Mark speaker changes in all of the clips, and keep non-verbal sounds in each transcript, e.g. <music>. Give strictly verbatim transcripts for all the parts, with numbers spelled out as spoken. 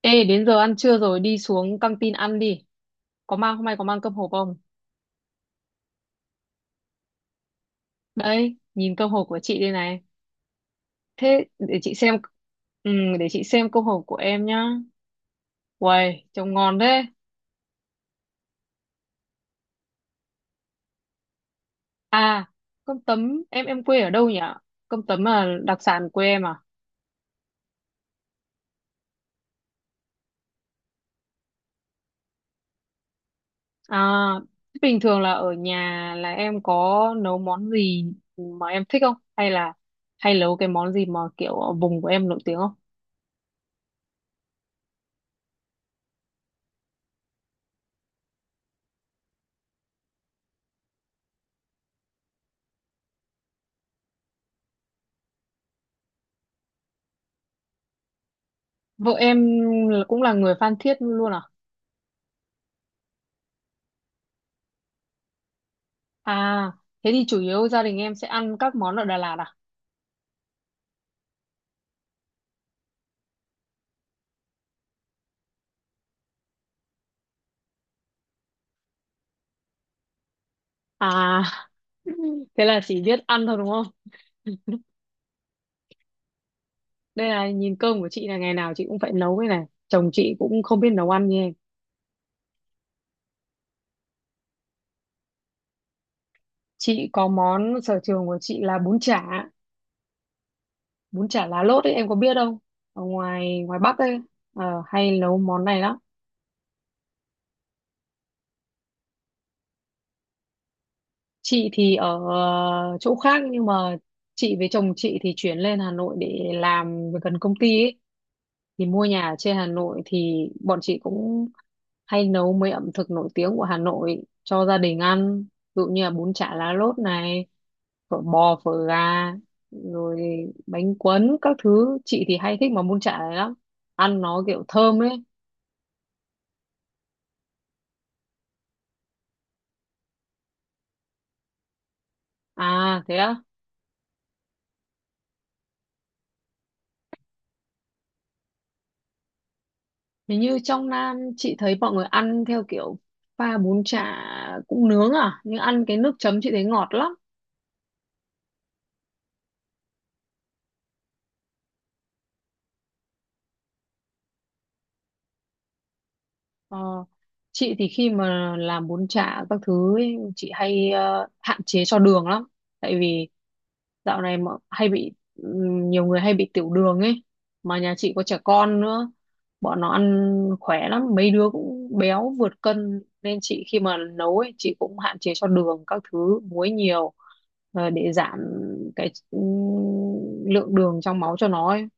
Speaker 1: Ê, đến giờ ăn trưa rồi, đi xuống căng tin ăn đi. Có mang, hôm nay có mang cơm hộp không? Đấy, nhìn cơm hộp của chị đây này. Thế, để chị xem, ừ, để chị xem cơm hộp của em nhá. Uầy, trông ngon thế. À, cơm tấm, em em quê ở đâu nhỉ? Cơm tấm là đặc sản quê em à? À, thế bình thường là ở nhà là em có nấu món gì mà em thích không? Hay là hay nấu cái món gì mà kiểu ở vùng của em nổi tiếng không? Vợ em là- cũng là người Phan Thiết luôn à? À, thế thì chủ yếu gia đình em sẽ ăn các món ở Đà Lạt à? À, <laughs> thế là chỉ biết ăn thôi đúng không? <laughs> Đây là nhìn cơm của chị là ngày nào chị cũng phải nấu cái này. Chồng chị cũng không biết nấu ăn như em. Chị có món sở trường của chị là bún chả, bún chả lá lốt ấy em có biết không? Ở ngoài ngoài Bắc ấy ờ, hay nấu món này lắm. Chị thì ở ờ, chỗ khác nhưng mà chị với chồng chị thì chuyển lên Hà Nội để làm việc gần công ty ấy. Thì mua nhà ở trên Hà Nội thì bọn chị cũng hay nấu mấy ẩm thực nổi tiếng của Hà Nội cho gia đình ăn, ví dụ như là bún chả lá lốt này, phở bò, phở gà, rồi bánh cuốn các thứ. Chị thì hay thích mà bún chả này lắm, ăn nó kiểu thơm ấy. À, thế á? Hình như trong Nam chị thấy mọi người ăn theo kiểu pha bún chả cũng nướng à, nhưng ăn cái nước chấm chị thấy ngọt lắm. Ờ, chị thì khi mà làm bún chả các thứ ấy, chị hay ờ, hạn chế cho đường lắm, tại vì dạo này mà hay bị ừm, nhiều người hay bị tiểu đường ấy, mà nhà chị có trẻ con nữa, bọn nó ăn khỏe lắm, mấy đứa cũng béo vượt cân, nên chị khi mà nấu ấy chị cũng hạn chế cho đường các thứ muối nhiều, ờ, để giảm cái ừm, lượng đường trong máu cho nó ấy.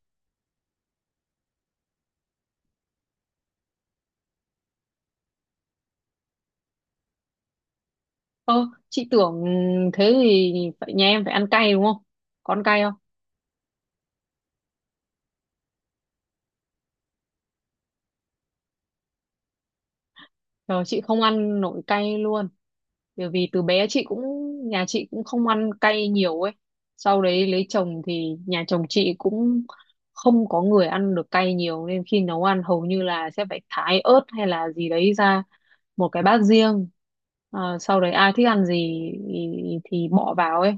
Speaker 1: Ơ, chị tưởng thế thì phải nhà em phải ăn cay đúng không? Con cay không? Trời, chị không ăn nổi cay luôn. Bởi vì từ bé chị cũng, nhà chị cũng không ăn cay nhiều ấy. Sau đấy lấy chồng thì nhà chồng chị cũng không có người ăn được cay nhiều nên khi nấu ăn hầu như là sẽ phải thái ớt hay là gì đấy ra một cái bát riêng. Ờ, sau đấy ai thích ăn gì thì, thì bỏ vào ấy.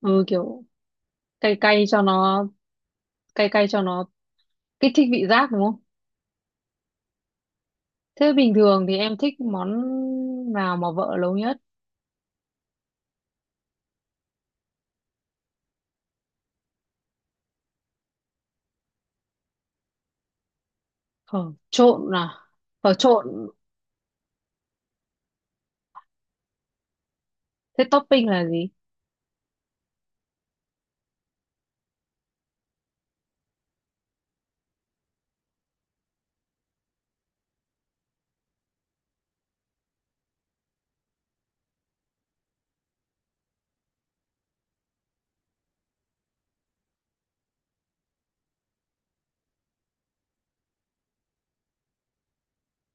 Speaker 1: Ừ, kiểu cay cay cho nó cay cay cho nó kích thích vị giác đúng không? Thế bình thường thì em thích món nào mà vợ nấu nhất? Phở trộn à? Phở trộn, thế topping là gì?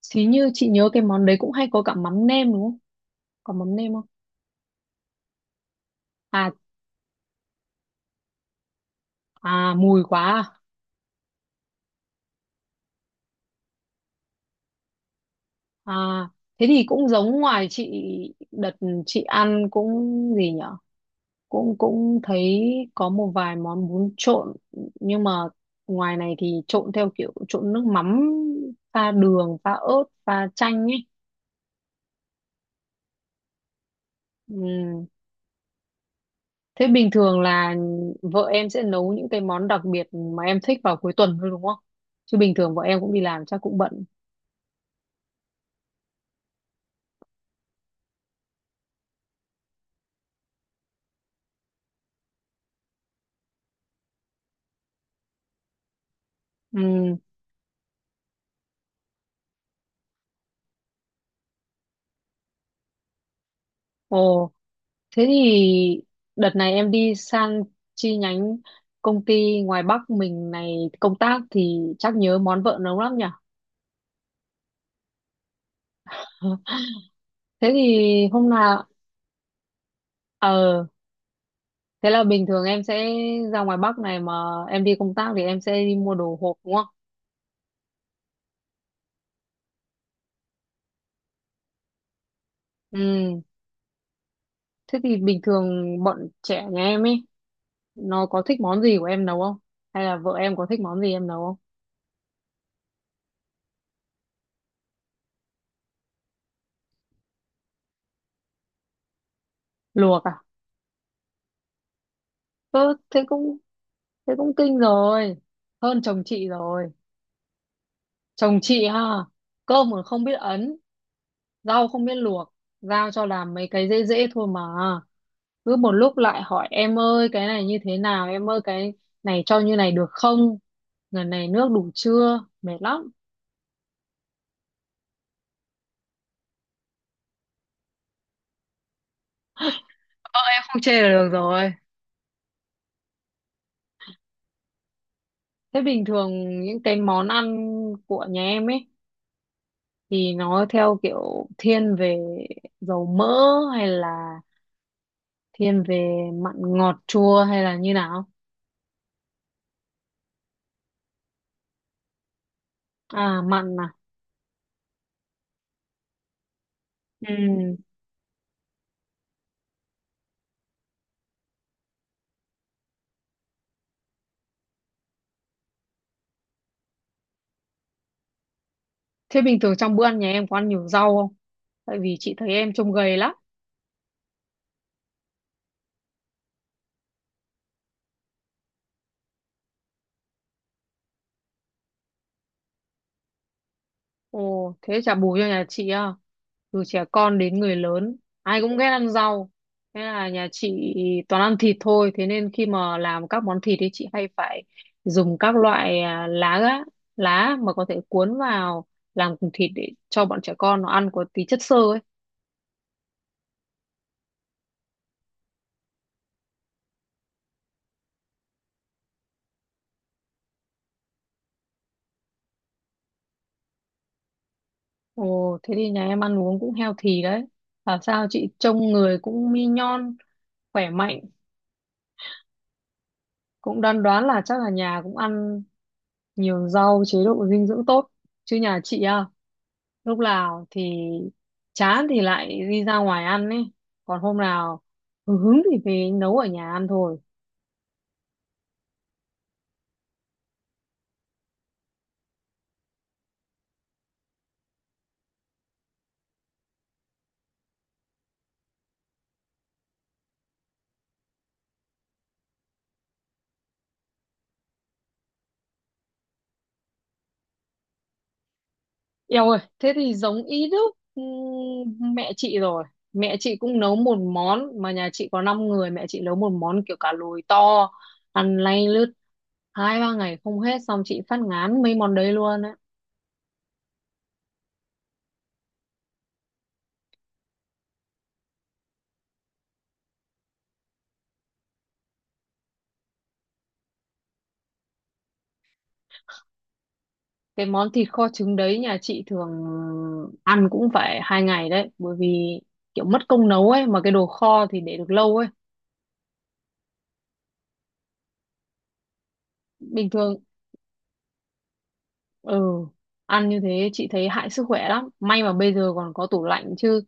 Speaker 1: Xí như chị nhớ cái món đấy cũng hay có cả mắm nêm đúng không? Có mắm nêm không? À à mùi quá à. À, thế thì cũng giống ngoài chị. Đợt chị ăn cũng, gì nhở, cũng cũng thấy có một vài món bún trộn, nhưng mà ngoài này thì trộn theo kiểu trộn nước mắm, pha đường, pha ớt, pha chanh ấy. Ừ. Thế bình thường là vợ em sẽ nấu những cái món đặc biệt mà em thích vào cuối tuần thôi đúng không? Chứ bình thường vợ em cũng đi làm chắc cũng bận. Ừ. Ồ, thế thì đợt này em đi sang chi nhánh công ty ngoài Bắc mình này công tác thì chắc nhớ món vợ nấu lắm nhỉ? <laughs> Thế thì hôm nào ờ thế là bình thường em sẽ ra ngoài Bắc này mà em đi công tác thì em sẽ đi mua đồ hộp đúng không? Ừ. Thế thì bình thường bọn trẻ nhà em ấy nó có thích món gì của em nấu không? Hay là vợ em có thích món gì em nấu không? Luộc à? Ơ, thế cũng thế cũng kinh rồi, hơn chồng chị rồi. Chồng chị ha, cơm còn không biết ấn, rau không biết luộc, giao cho làm mấy cái dễ dễ thôi mà cứ một lúc lại hỏi em ơi cái này như thế nào, em ơi cái này cho như này được không, lần này nước đủ chưa, mệt lắm. Em không chê là được rồi. Thế bình thường những cái món ăn của nhà em ấy thì nó theo kiểu thiên về dầu mỡ hay là thiên về mặn ngọt chua hay là như nào? À, mặn à. Ừ. Thế bình thường trong bữa ăn nhà em có ăn nhiều rau không? Tại vì chị thấy em trông gầy lắm. Ồ, thế chả bù cho nhà chị à? Từ trẻ con đến người lớn, ai cũng ghét ăn rau. Thế là nhà chị toàn ăn thịt thôi. Thế nên khi mà làm các món thịt thì chị hay phải dùng các loại à, lá á, lá mà có thể cuốn vào làm cùng thịt để cho bọn trẻ con nó ăn có tí chất xơ ấy. Ồ, thế thì nhà em ăn uống cũng healthy đấy. Bảo sao chị trông người cũng mi nhon, khỏe mạnh. Cũng đoán đoán là chắc là nhà cũng ăn nhiều rau, chế độ dinh dưỡng tốt. Chứ nhà chị à? Lúc nào thì chán thì lại đi ra ngoài ăn ấy, còn hôm nào hứng thì về nấu ở nhà ăn thôi. Eo ơi, thế thì giống ý đúc ừm, mẹ chị rồi. Mẹ chị cũng nấu một món mà nhà chị có năm người, mẹ chị nấu một món kiểu cá lùi to, ăn lay lướt hai ba ngày không hết, xong chị phát ngán mấy món đấy luôn ấy. Cái món thịt kho trứng đấy nhà chị thường ăn cũng phải hai ngày đấy, bởi vì kiểu mất công nấu ấy mà cái đồ kho thì để được lâu ấy bình thường. Ừ, ăn như thế chị thấy hại sức khỏe lắm. May mà bây giờ còn có tủ lạnh chứ.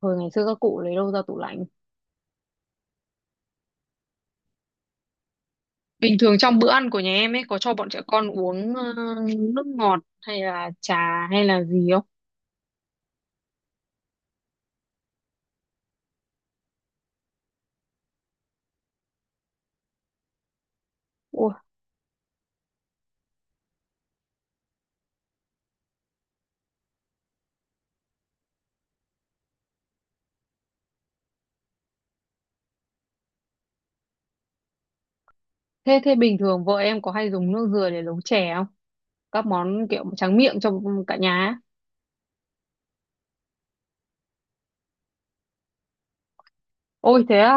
Speaker 1: Hồi ngày xưa các cụ lấy đâu ra tủ lạnh. Bình thường trong bữa ăn của nhà em ấy có cho bọn trẻ con uống ờ, nước ngọt hay là trà hay là gì không? Ủa, thế thế bình thường vợ em có hay dùng nước dừa để nấu chè không? Các món kiểu tráng miệng cho cả nhà ấy. Ôi thế à?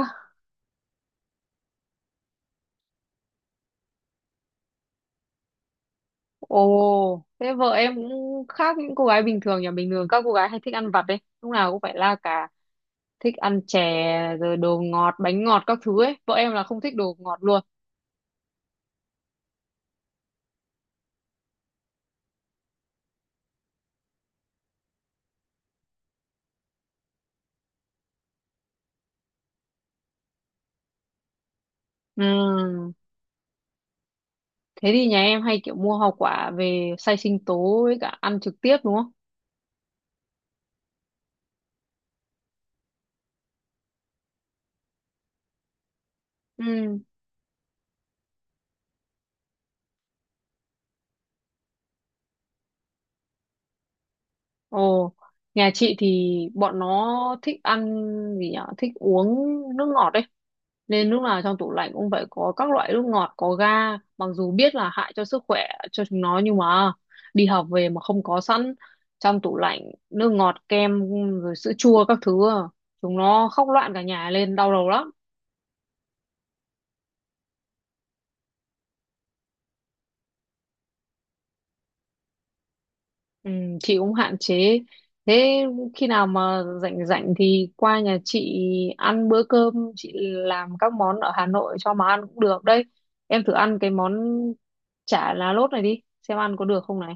Speaker 1: Ồ, thế vợ em cũng khác những cô gái bình thường, nhà bình thường các cô gái hay thích ăn vặt đấy. Lúc nào cũng phải la cà thích ăn chè, rồi đồ ngọt bánh ngọt các thứ ấy, vợ em là không thích đồ ngọt luôn. Ừm, Thế thì nhà em hay kiểu mua hoa quả về xay sinh tố với cả ăn trực tiếp đúng không? Ừ. Ồ, nhà chị thì bọn nó thích ăn gì nhở, thích uống nước ngọt đấy. Nên lúc nào trong tủ lạnh cũng phải có các loại nước ngọt, có ga, mặc dù biết là hại cho sức khỏe cho chúng nó nhưng mà đi học về mà không có sẵn trong tủ lạnh nước ngọt, kem rồi sữa chua các thứ, à, chúng nó khóc loạn cả nhà lên đau đầu lắm. Ừ, chị cũng hạn chế. Thế khi nào mà rảnh rảnh thì qua nhà chị ăn bữa cơm, chị làm các món ở Hà Nội cho mà ăn cũng được đấy. Em thử ăn cái món chả lá lốt này đi xem ăn có được không này.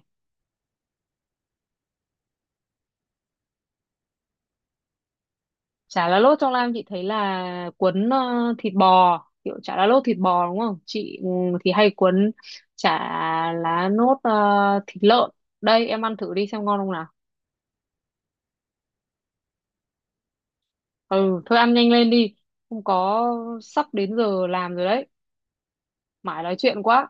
Speaker 1: Chả lá lốt trong Lam chị thấy là cuốn ờ, thịt bò, kiểu chả lá lốt thịt bò đúng không chị? Ừ, thì hay cuốn chả lá lốt ờ, thịt lợn. Đây em ăn thử đi xem ngon không nào. Ừ, thôi ăn nhanh lên đi, không có sắp đến giờ làm rồi đấy, mãi nói chuyện quá.